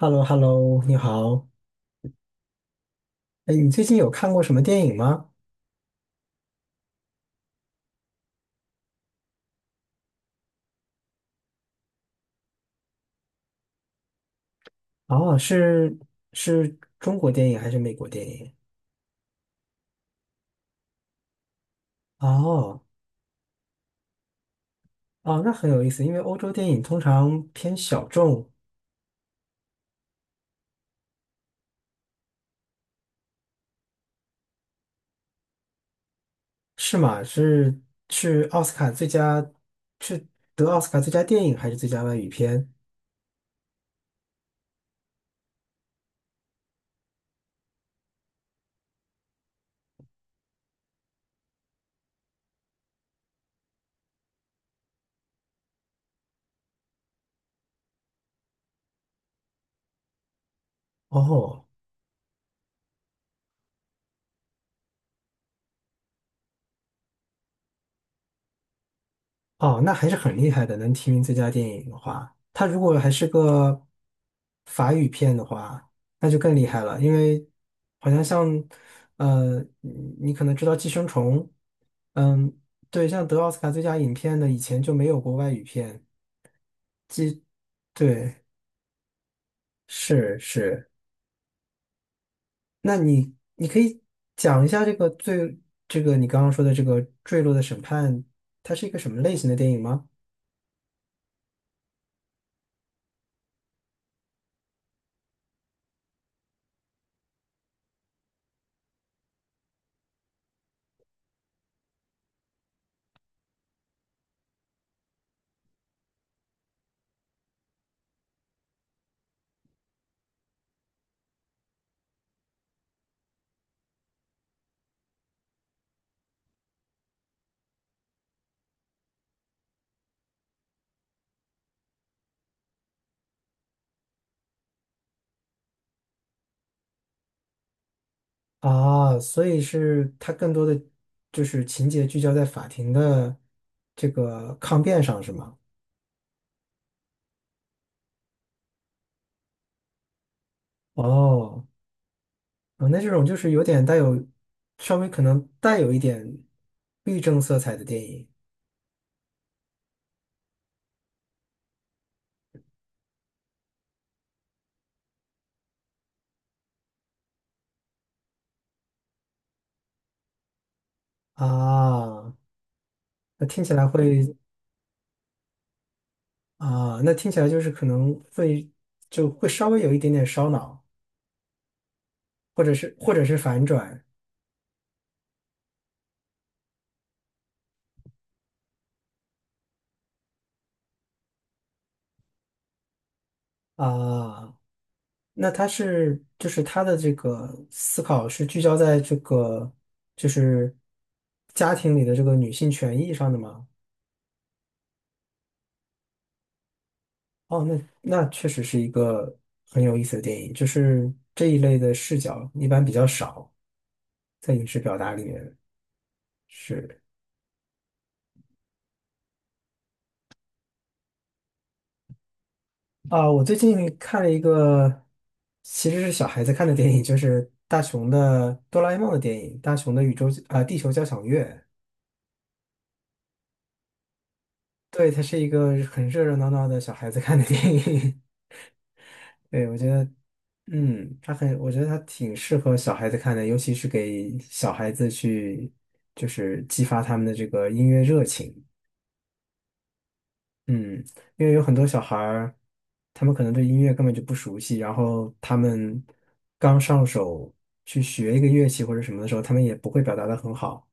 h e l l o hello 你好。哎，你最近有看过什么电影吗？哦,是中国电影还是美国电影？哦哦，那很有意思，因为欧洲电影通常偏小众，是吗？是是奥斯卡最佳，是得奥斯卡最佳电影还是最佳外语片？哦哦，那还是很厉害的，能提名最佳电影的话，它如果还是个法语片的话，那就更厉害了，因为好像像呃，你你可能知道《寄生虫》，嗯，对，像得奥斯卡最佳影片的以前就没有过外语片，对，是，那你可以讲一下这个最这个你刚刚说的这个《坠落的审判》，它是一个什么类型的电影吗？啊，所以是它更多的就是情节聚焦在法庭的这个抗辩上，是吗？哦，啊，那这种就是有点带有稍微可能带有一点律政色彩的电影。啊，那听起来会。啊，那听起来就是可能会就会稍微有一点点烧脑，或者是或者是反转啊。那他是就是他的这个思考是聚焦在这个就是家庭里的这个女性权益上的吗？哦，那那确实是一个很有意思的电影，就是这一类的视角一般比较少在影视表达里面。是。啊，我最近看了一个其实是小孩子看的电影，就是大雄的哆啦 A 梦的电影，大雄的宇宙啊、地球交响乐。对，它是一个很热热闹闹的小孩子看的电影。对，我觉得，嗯，他很，我觉得他挺适合小孩子看的，尤其是给小孩子去，就是激发他们的这个音乐热情。嗯，因为有很多小孩儿，他们可能对音乐根本就不熟悉，然后他们刚上手去学一个乐器或者什么的时候，他们也不会表达的很好。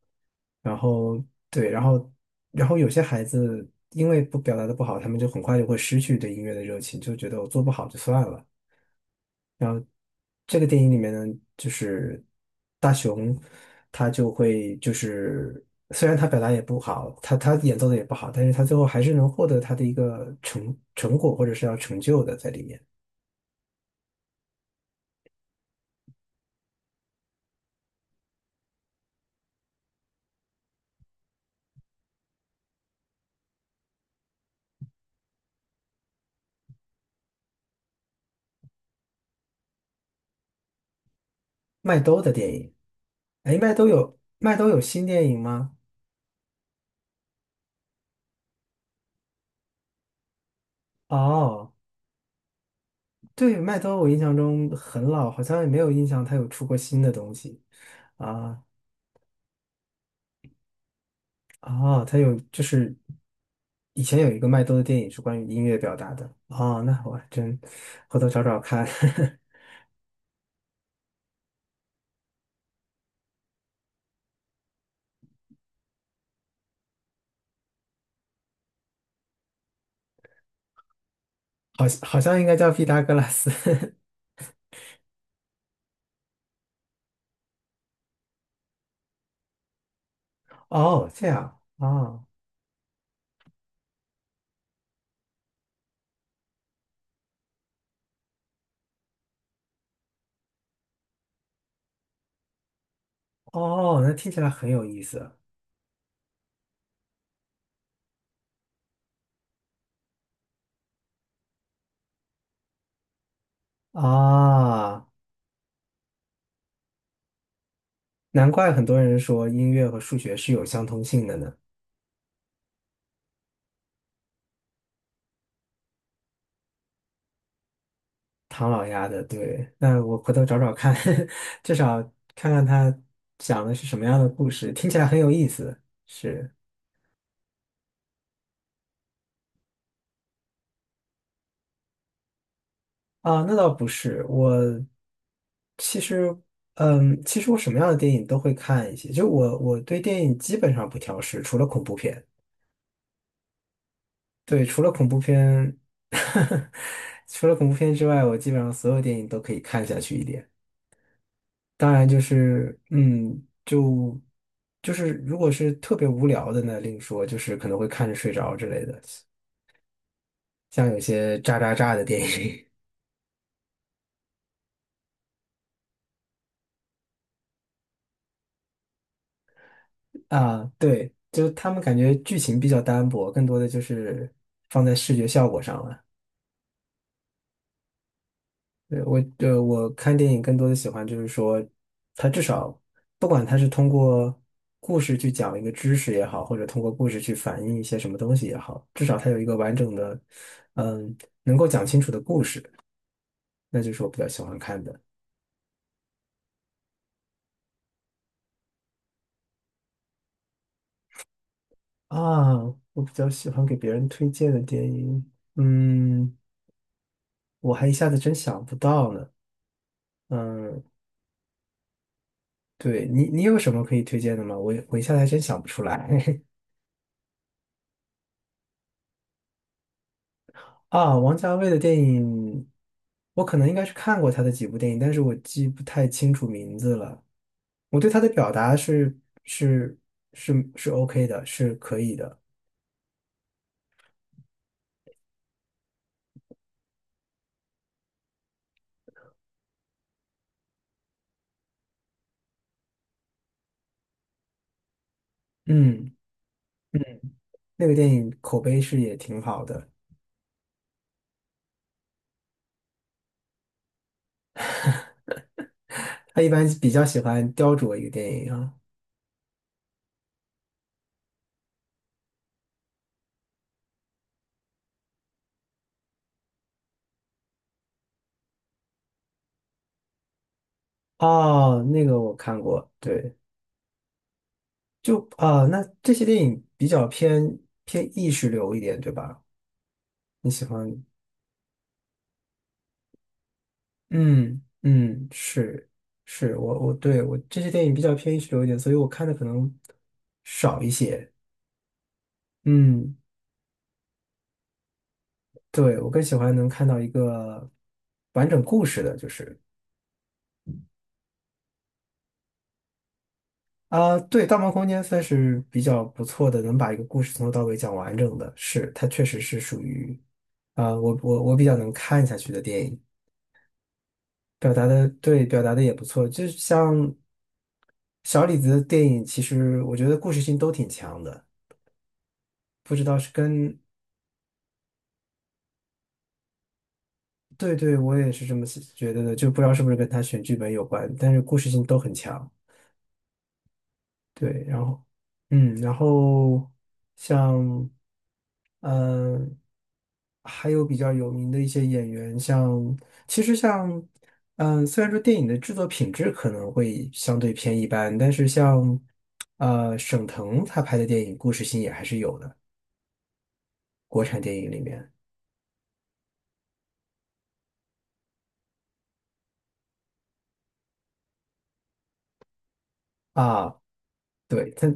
然后对，然后然后有些孩子因为不表达的不好，他们就很快就会失去对音乐的热情，就觉得我做不好就算了。然后这个电影里面呢，就是大雄他就会就是虽然他表达也不好，他演奏的也不好，但是他最后还是能获得他的一个成果或者是要成就的在里面。麦兜的电影，哎，麦兜有新电影吗？哦，对，麦兜我印象中很老，好像也没有印象他有出过新的东西啊。哦，他有就是以前有一个麦兜的电影是关于音乐表达的哦，那我还真回头找找看，好好像应该叫毕达哥拉斯。 哦，这样哦。哦，那听起来很有意思啊，难怪很多人说音乐和数学是有相通性的呢。唐老鸭的，对，那我回头找找看，至少看看他讲的是什么样的故事，听起来很有意思，是。啊，那倒不是，我其实，嗯，其实我什么样的电影都会看一些，就我对电影基本上不挑食，除了恐怖片。对，除了恐怖片，除了恐怖片之外，我基本上所有电影都可以看下去一点。当然就是，嗯，就是如果是特别无聊的呢，另说，就是可能会看着睡着之类的，像有些渣渣渣的电影。啊，对，就他们感觉剧情比较单薄，更多的就是放在视觉效果上了。对，我，我看电影更多的喜欢就是说，它至少不管它是通过故事去讲一个知识也好，或者通过故事去反映一些什么东西也好，至少它有一个完整的，嗯，能够讲清楚的故事，那就是我比较喜欢看的。啊，我比较喜欢给别人推荐的电影，嗯，我还一下子真想不到呢。嗯，对你，你有什么可以推荐的吗？我一下子还真想不出来。 啊。王家卫的电影，我可能应该是看过他的几部电影，但是我记不太清楚名字了。我对他的表达是是是 OK 的，是可以的。嗯，嗯,那个电影口碑是也挺好的。他一般比较喜欢雕琢一个电影啊。哦，那个我看过，对，就啊，那这些电影比较偏意识流一点，对吧？你喜欢？嗯嗯，是，我对我这些电影比较偏意识流一点，所以我看的可能少一些。嗯，对，我更喜欢能看到一个完整故事的，就是啊，对，《盗梦空间》算是比较不错的，能把一个故事从头到尾讲完整的，是它确实是属于啊，我比较能看下去的电影，表达的对，表达的也不错，就是像小李子的电影，其实我觉得故事性都挺强的。不知道是跟对对，我也是这么觉得的，就不知道是不是跟他选剧本有关，但是故事性都很强。对，然后，嗯，然后像，嗯、还有比较有名的一些演员，像其实像，嗯、虽然说电影的制作品质可能会相对偏一般，但是像，沈腾他拍的电影故事性也还是有的，国产电影里面。啊。对，他，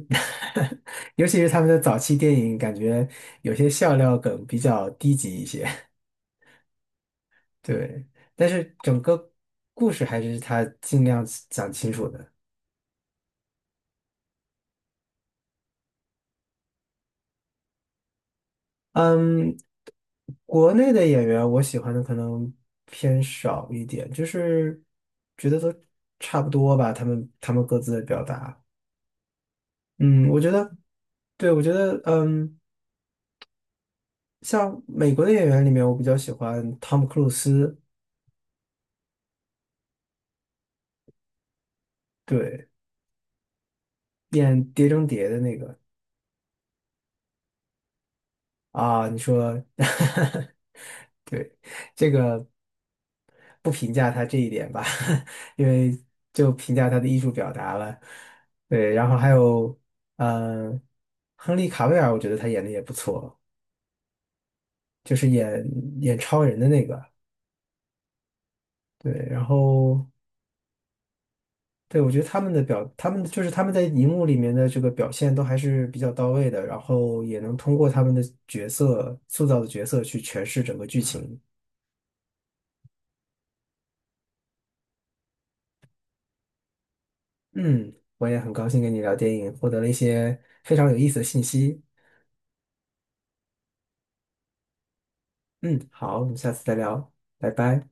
尤其是他们的早期电影，感觉有些笑料梗比较低级一些。对，但是整个故事还是他尽量讲清楚的。嗯，国内的演员我喜欢的可能偏少一点，就是觉得都差不多吧，他们各自的表达。嗯，我觉得，对，我觉得，嗯，像美国的演员里面，我比较喜欢汤姆·克鲁斯，对，演《碟中谍》的那个。啊，你说，对，这个不评价他这一点吧，因为就评价他的艺术表达了。对，然后还有，呃，亨利卡维尔，我觉得他演的也不错，就是演超人的那个。对，然后对，我觉得他们的表，他们就是他们在荧幕里面的这个表现都还是比较到位的，然后也能通过他们的角色塑造的角色去诠释整个剧情。嗯，我也很高兴跟你聊电影，获得了一些非常有意思的信息。嗯，好，我们下次再聊，拜拜。